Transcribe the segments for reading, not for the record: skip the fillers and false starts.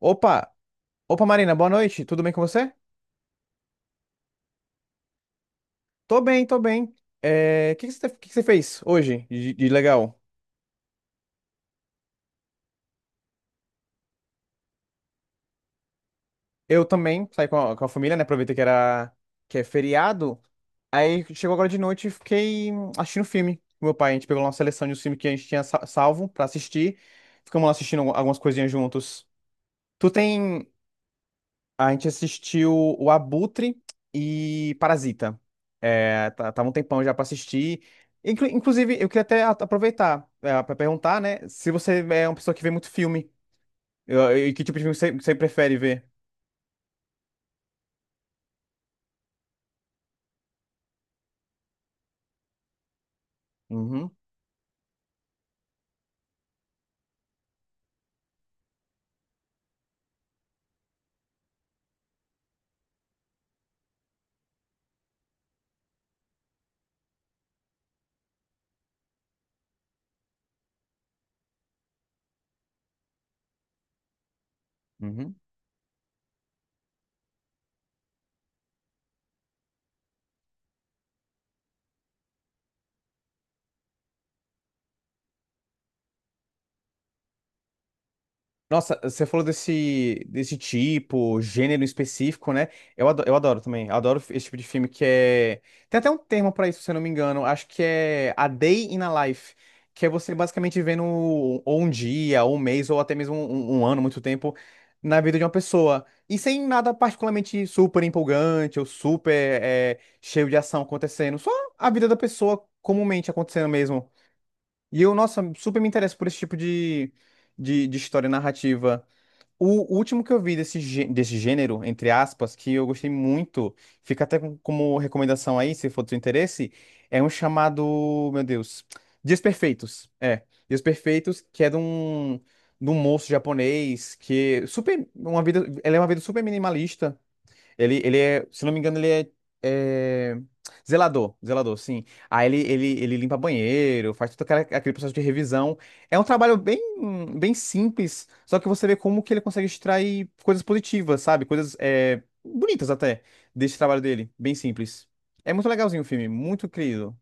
Opa! Opa, Marina, boa noite. Tudo bem com você? Tô bem, tô bem. O que que você fez hoje de legal? Eu também saí com a família, né? Aproveitei que é feriado. Aí chegou agora de noite e fiquei assistindo filme com meu pai. A gente pegou lá uma seleção de um filme que a gente tinha salvo pra assistir. Ficamos lá assistindo algumas coisinhas juntos. Tu tem A gente assistiu o Abutre e Parasita. Tava um tempão já pra assistir. Inclusive, eu queria até aproveitar para perguntar, né, se você é uma pessoa que vê muito filme. E que tipo de filme você prefere ver? Uhum, uhum. Nossa, você falou desse tipo, gênero específico, né? Eu adoro também. Adoro esse tipo de filme que é. Tem até um termo pra isso, se eu não me engano. Acho que é A Day in a Life. Que é você basicamente vendo ou um dia, ou um mês, ou até mesmo um ano, muito tempo, na vida de uma pessoa. E sem nada particularmente super empolgante ou super cheio de ação acontecendo. Só a vida da pessoa comumente acontecendo mesmo. Nossa, super me interesso por esse tipo de história narrativa. O último que eu vi desse gênero, entre aspas, que eu gostei muito, fica até como recomendação aí, se for do seu interesse, é um chamado, meu Deus, Dias Perfeitos. É, Dias Perfeitos, que é de um moço japonês que super, uma vida, ele é uma vida super minimalista, se não me engano, é, zelador, zelador, sim. Aí ele limpa banheiro, faz aquele processo de revisão. É um trabalho bem simples, só que você vê como que ele consegue extrair coisas positivas, sabe? Coisas bonitas até, desse trabalho dele, bem simples. É muito legalzinho o filme, muito querido.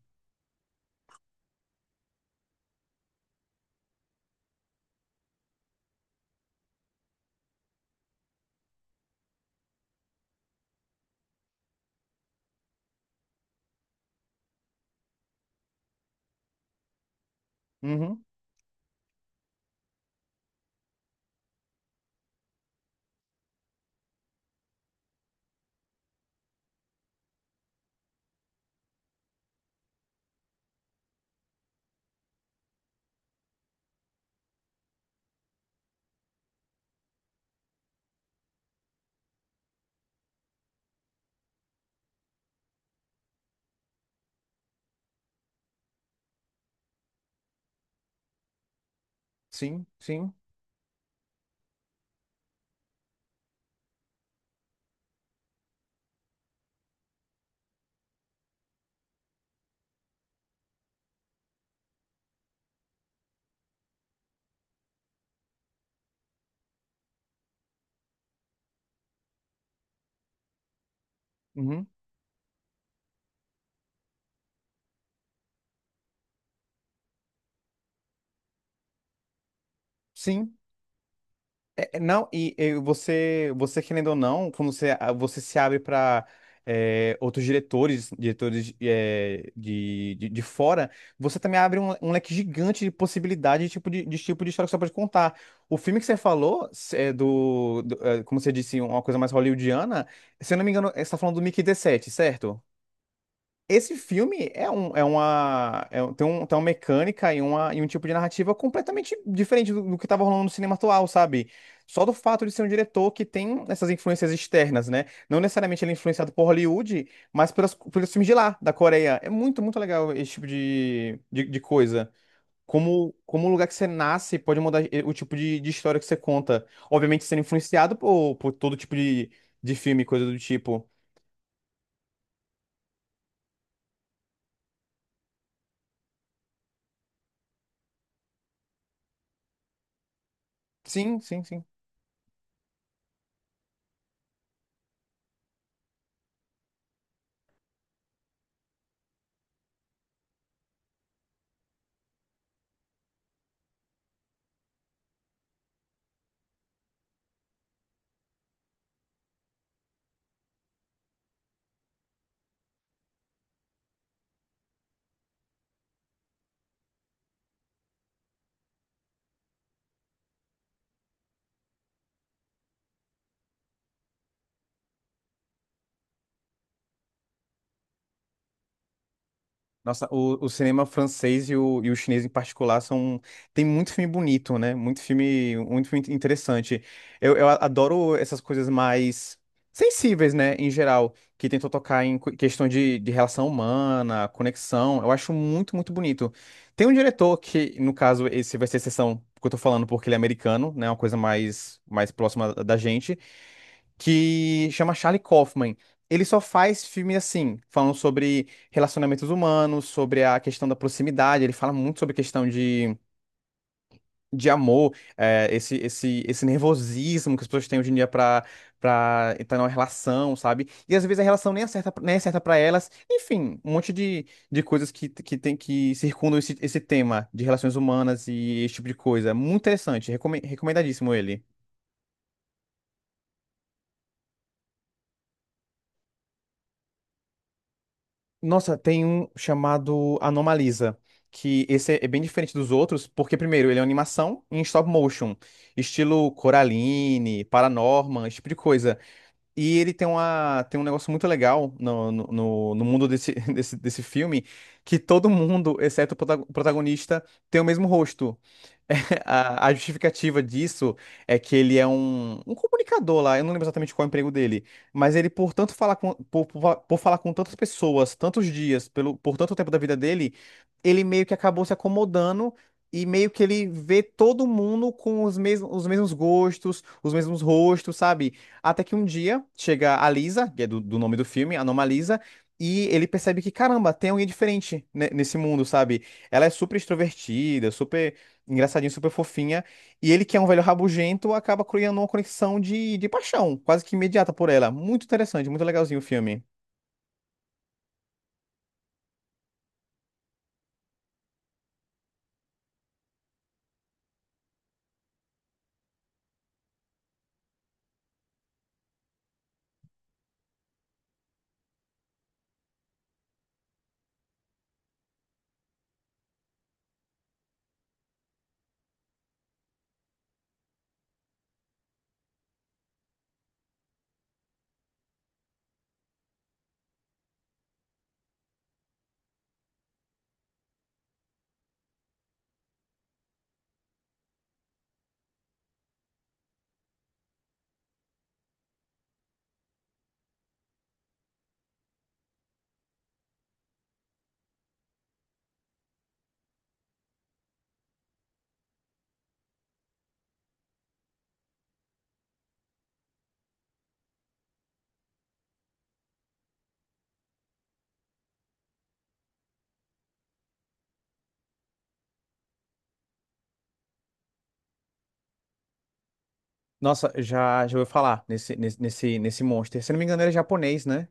Uhum, sim, sim, uhum, sim. É, é, não, e você, Você querendo ou não, quando você, você se abre para outros diretores, de fora, você também abre um, um leque gigante de possibilidade de tipo de tipo de história que você pode contar. O filme que você falou, é como você disse, uma coisa mais hollywoodiana, se eu não me engano, você está falando do Mickey 17, certo? Esse filme é um, é uma, é um, tem uma mecânica e um tipo de narrativa completamente diferente do que estava rolando no cinema atual, sabe? Só do fato de ser um diretor que tem essas influências externas, né? Não necessariamente ele é influenciado por Hollywood, mas pelos filmes de lá, da Coreia. É muito legal esse tipo de coisa. Como o lugar que você nasce pode mudar o tipo de história que você conta. Obviamente sendo influenciado por todo tipo de filme, coisa do tipo. Sim, sim, sim. Nossa, o cinema francês e o chinês em particular são. Tem muito filme bonito, né? Muito filme interessante. Eu adoro essas coisas mais sensíveis, né? Em geral, que tentam tocar em questão de relação humana, conexão. Eu acho muito bonito. Tem um diretor que, no caso, esse vai ser a exceção que eu tô falando, porque ele é americano, né? Uma coisa mais próxima da gente que chama Charlie Kaufman. Ele só faz filme assim, falando sobre relacionamentos humanos, sobre a questão da proximidade. Ele fala muito sobre a questão de amor, esse nervosismo que as pessoas têm hoje em dia para entrar numa relação, sabe? E às vezes a relação nem é certa, nem é certa para elas. Enfim, um monte de coisas que tem que circundam esse tema de relações humanas e esse tipo de coisa. Muito interessante, recomendadíssimo ele. Nossa, tem um chamado Anomalisa, que esse é bem diferente dos outros, porque primeiro, ele é uma animação em stop motion, estilo Coraline, Paranorman, esse tipo de coisa. E ele tem uma, tem um negócio muito legal no mundo desse filme, que todo mundo, exceto o o protagonista, tem o mesmo rosto. A justificativa disso é que ele é um comunicador lá, eu não lembro exatamente qual é o emprego dele, mas ele, por tanto falar por falar com tantas pessoas, tantos dias, por tanto tempo da vida dele, ele meio que acabou se acomodando e meio que ele vê todo mundo com os mesmos gostos, os mesmos rostos, sabe? Até que um dia chega a Lisa, que é do nome do filme, a nome Lisa, e ele percebe que, caramba, tem alguém diferente, né, nesse mundo, sabe? Ela é super extrovertida, super engraçadinho, super fofinha. E ele, que é um velho rabugento, acaba criando uma conexão de paixão, quase que imediata por ela. Muito interessante, muito legalzinho o filme. Nossa, já ouviu falar nesse monster. Se não me engano, ele é japonês, né?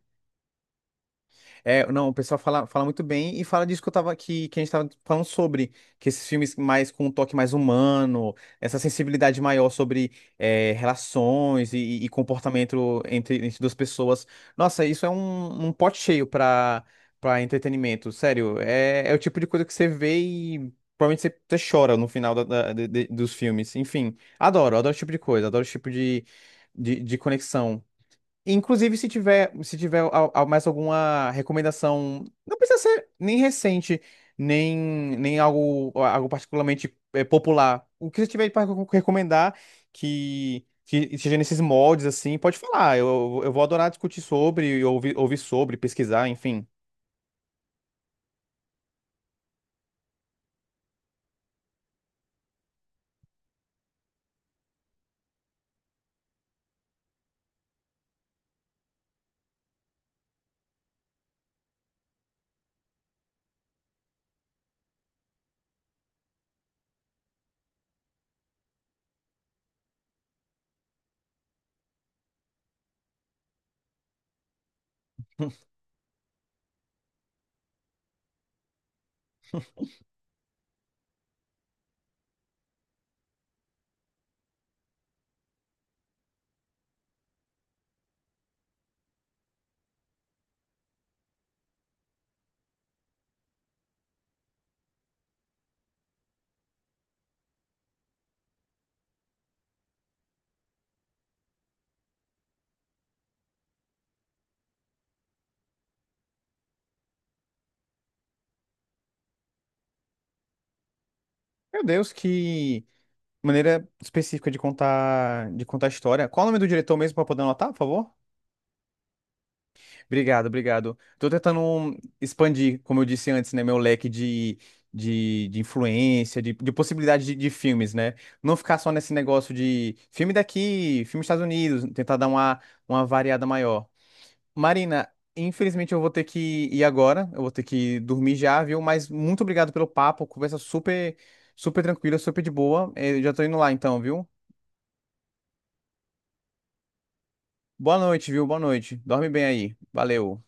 É, não, O pessoal fala muito bem e fala disso que eu tava que a gente tava falando sobre, que esses filmes mais com um toque mais humano, essa sensibilidade maior sobre relações e comportamento entre duas pessoas. Nossa, isso é um pote cheio para entretenimento, sério. É, é o tipo de coisa que você vê e provavelmente você chora no final dos filmes. Enfim, adoro, adoro esse tipo de coisa, adoro esse tipo de conexão. Inclusive, se tiver mais alguma recomendação, não precisa ser nem recente, nem, nem algo, algo particularmente popular. O que você tiver para recomendar que seja nesses moldes, assim, pode falar. Eu vou adorar discutir sobre, ouvir, ouvir sobre, pesquisar, enfim. Meu Deus, que maneira específica de contar a história. Qual é o nome do diretor mesmo para poder anotar, por favor? Obrigado, obrigado. Tô tentando expandir, como eu disse antes, né, meu leque de influência, de possibilidade de filmes, né? Não ficar só nesse negócio de filme daqui, filme dos Estados Unidos, tentar dar uma variada maior. Marina, infelizmente eu vou ter que ir agora, eu vou ter que dormir já, viu? Mas muito obrigado pelo papo, conversa super tranquila, super de boa. Já tô indo lá então, viu? Boa noite, viu? Boa noite. Dorme bem aí. Valeu.